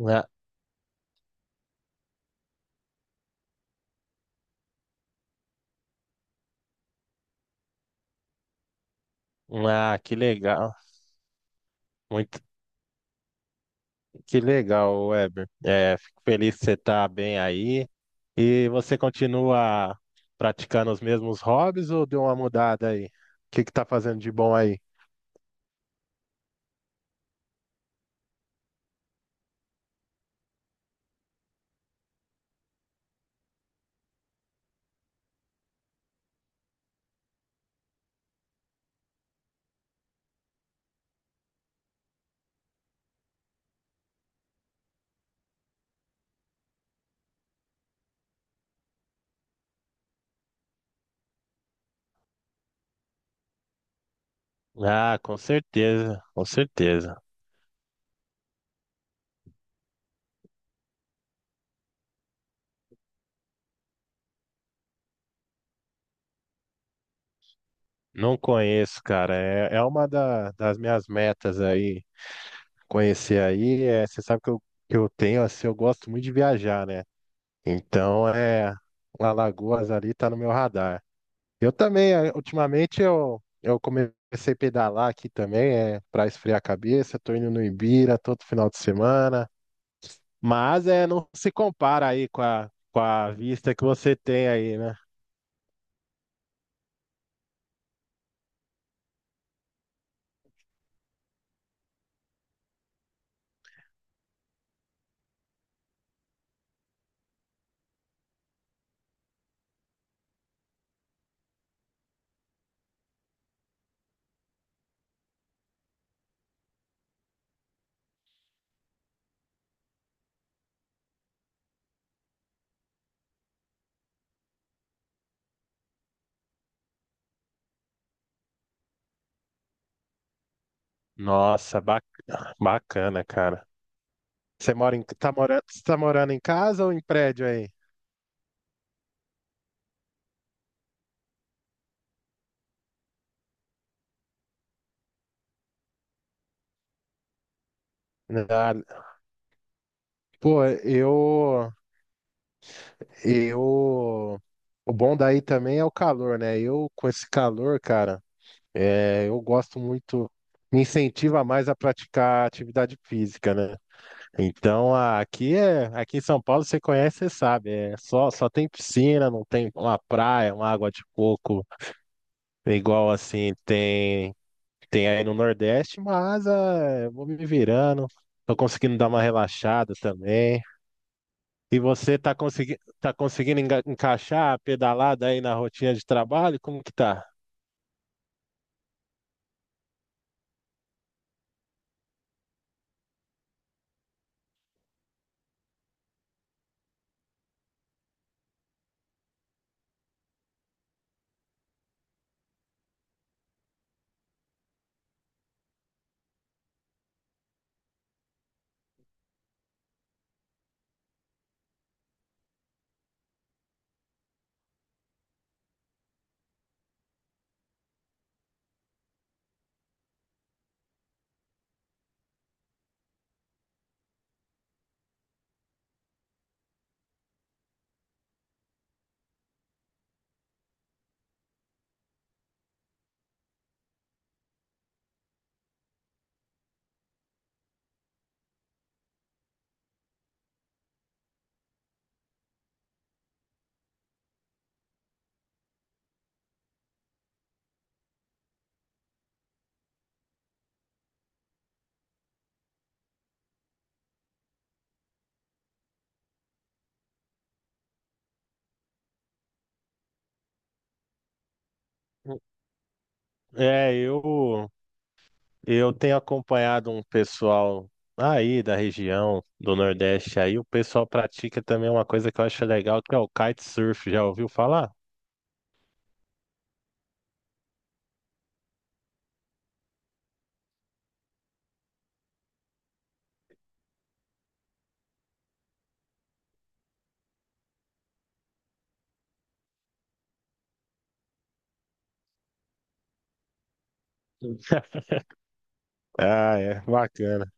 Ah, que legal. Muito, que legal, Weber. Fico feliz que você está bem aí. E você continua praticando os mesmos hobbies ou deu uma mudada aí? O que que tá fazendo de bom aí? Ah, com certeza, com certeza. Não conheço, cara. É uma das minhas metas aí. Conhecer aí, é, você sabe que eu tenho, assim, eu gosto muito de viajar, né? Então, é, Alagoas ali tá no meu radar. Eu também, ultimamente eu comecei a pedalar aqui também, é para esfriar a cabeça, tô indo no Ibira todo final de semana, mas é não se compara aí com a vista que você tem aí, né? Nossa, bacana, cara. Você tá você tá morando em casa ou em prédio aí? Ah, pô, eu, o bom daí também é o calor, né? Eu com esse calor, cara. É, eu gosto muito, me incentiva mais a praticar atividade física, né? Então aqui é, aqui em São Paulo você conhece, você sabe, é só tem piscina, não tem uma praia, uma água de coco, igual assim tem aí no Nordeste, mas ah, vou me virando, tô conseguindo dar uma relaxada também. E você tá conseguindo encaixar a pedalada aí na rotina de trabalho? Como que tá? É. Eu tenho acompanhado um pessoal aí da região do Nordeste aí, o pessoal pratica também uma coisa que eu acho legal, que é o kitesurf, já ouviu falar? Ah, é, bacana.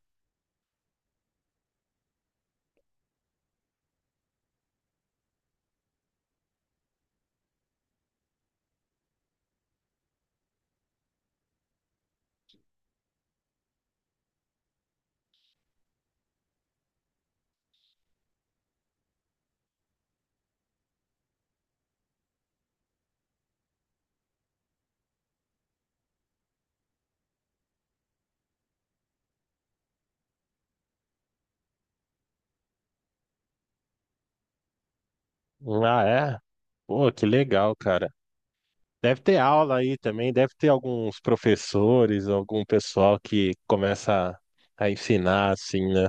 Ah, é? Pô, que legal, cara. Deve ter aula aí também, deve ter alguns professores, algum pessoal que começa a ensinar assim, né?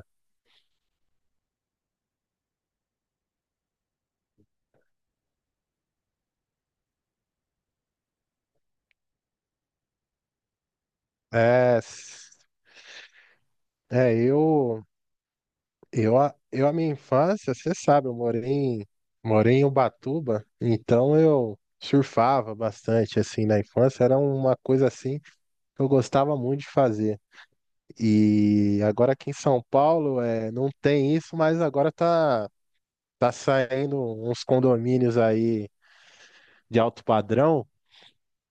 É, s- é eu, a minha infância, você sabe, morei em Ubatuba, então eu surfava bastante, assim, na infância, era uma coisa, assim, que eu gostava muito de fazer. E agora aqui em São Paulo, é, não tem isso, mas agora tá saindo uns condomínios aí de alto padrão,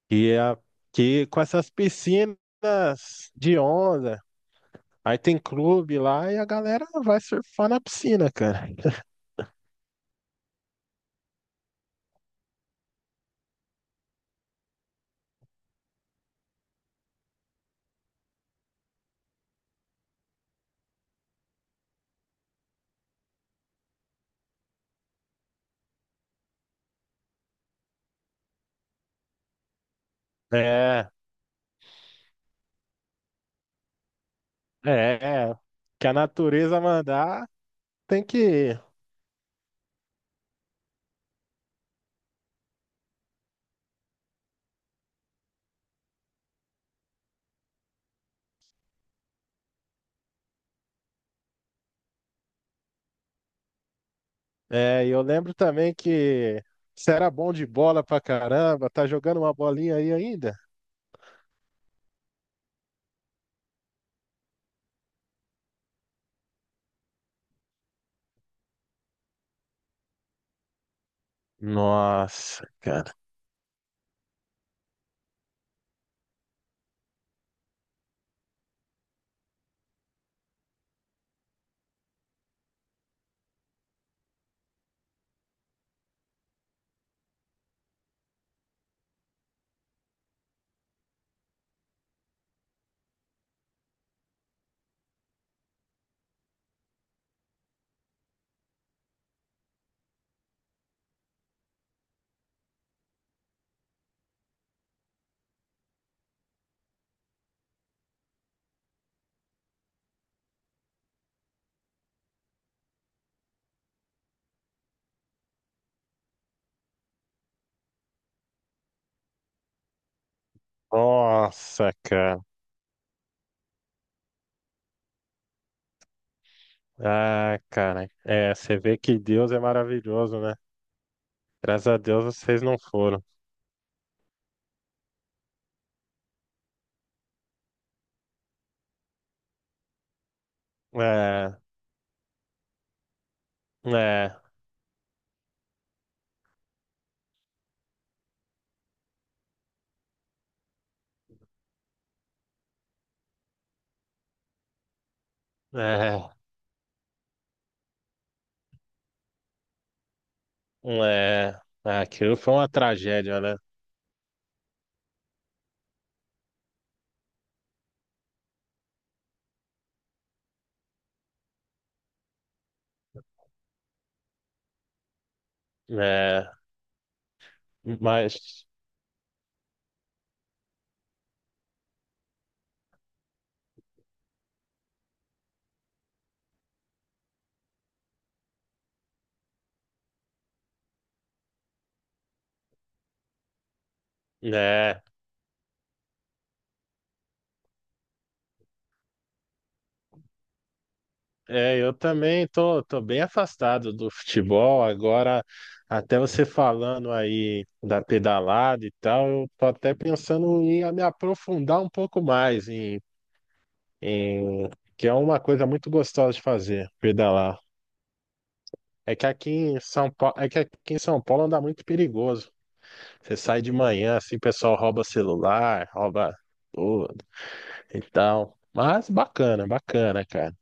é que com essas piscinas de onda, aí tem clube lá e a galera vai surfar na piscina, cara. É, é, é. Que a natureza mandar tem que ir. É, e eu lembro também que você era bom de bola pra caramba, tá jogando uma bolinha aí ainda? Nossa, cara. Nossa, cara. Ah, cara. É, você vê que Deus é maravilhoso, né? Graças a Deus vocês não foram. É, é, é, Ah, aquilo foi uma tragédia, né? É, mas, é, eu também tô bem afastado do futebol. Agora, até você falando aí da pedalada e tal, eu tô até pensando em me aprofundar um pouco mais em- que é uma coisa muito gostosa de fazer, pedalar. É que aqui em São Paulo, é que aqui em São Paulo anda muito perigoso. Você sai de manhã, assim, o pessoal rouba celular, rouba tudo e tal. Mas bacana, bacana, cara.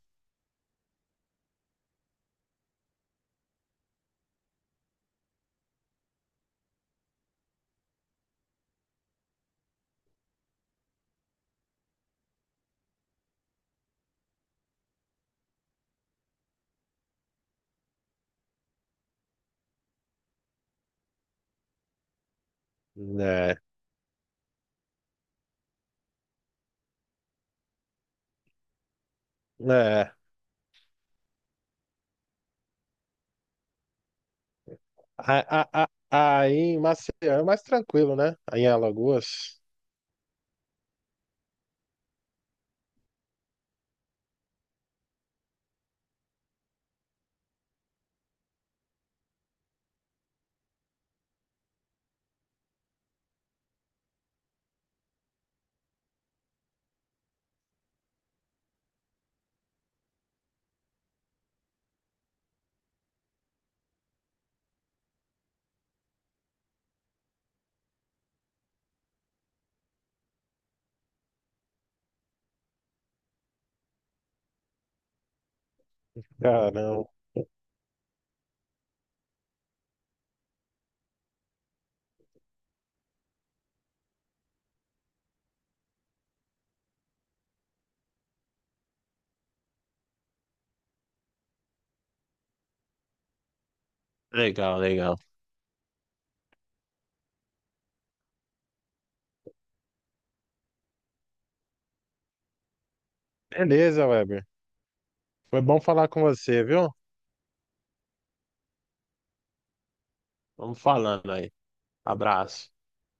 É, é. A- a- a- Aí em Maceió é mais tranquilo, né? Aí em Alagoas. Caramba. Legal, legal. Beleza, Weber. Foi bom falar com você, viu? Vamos falando aí. Abraço.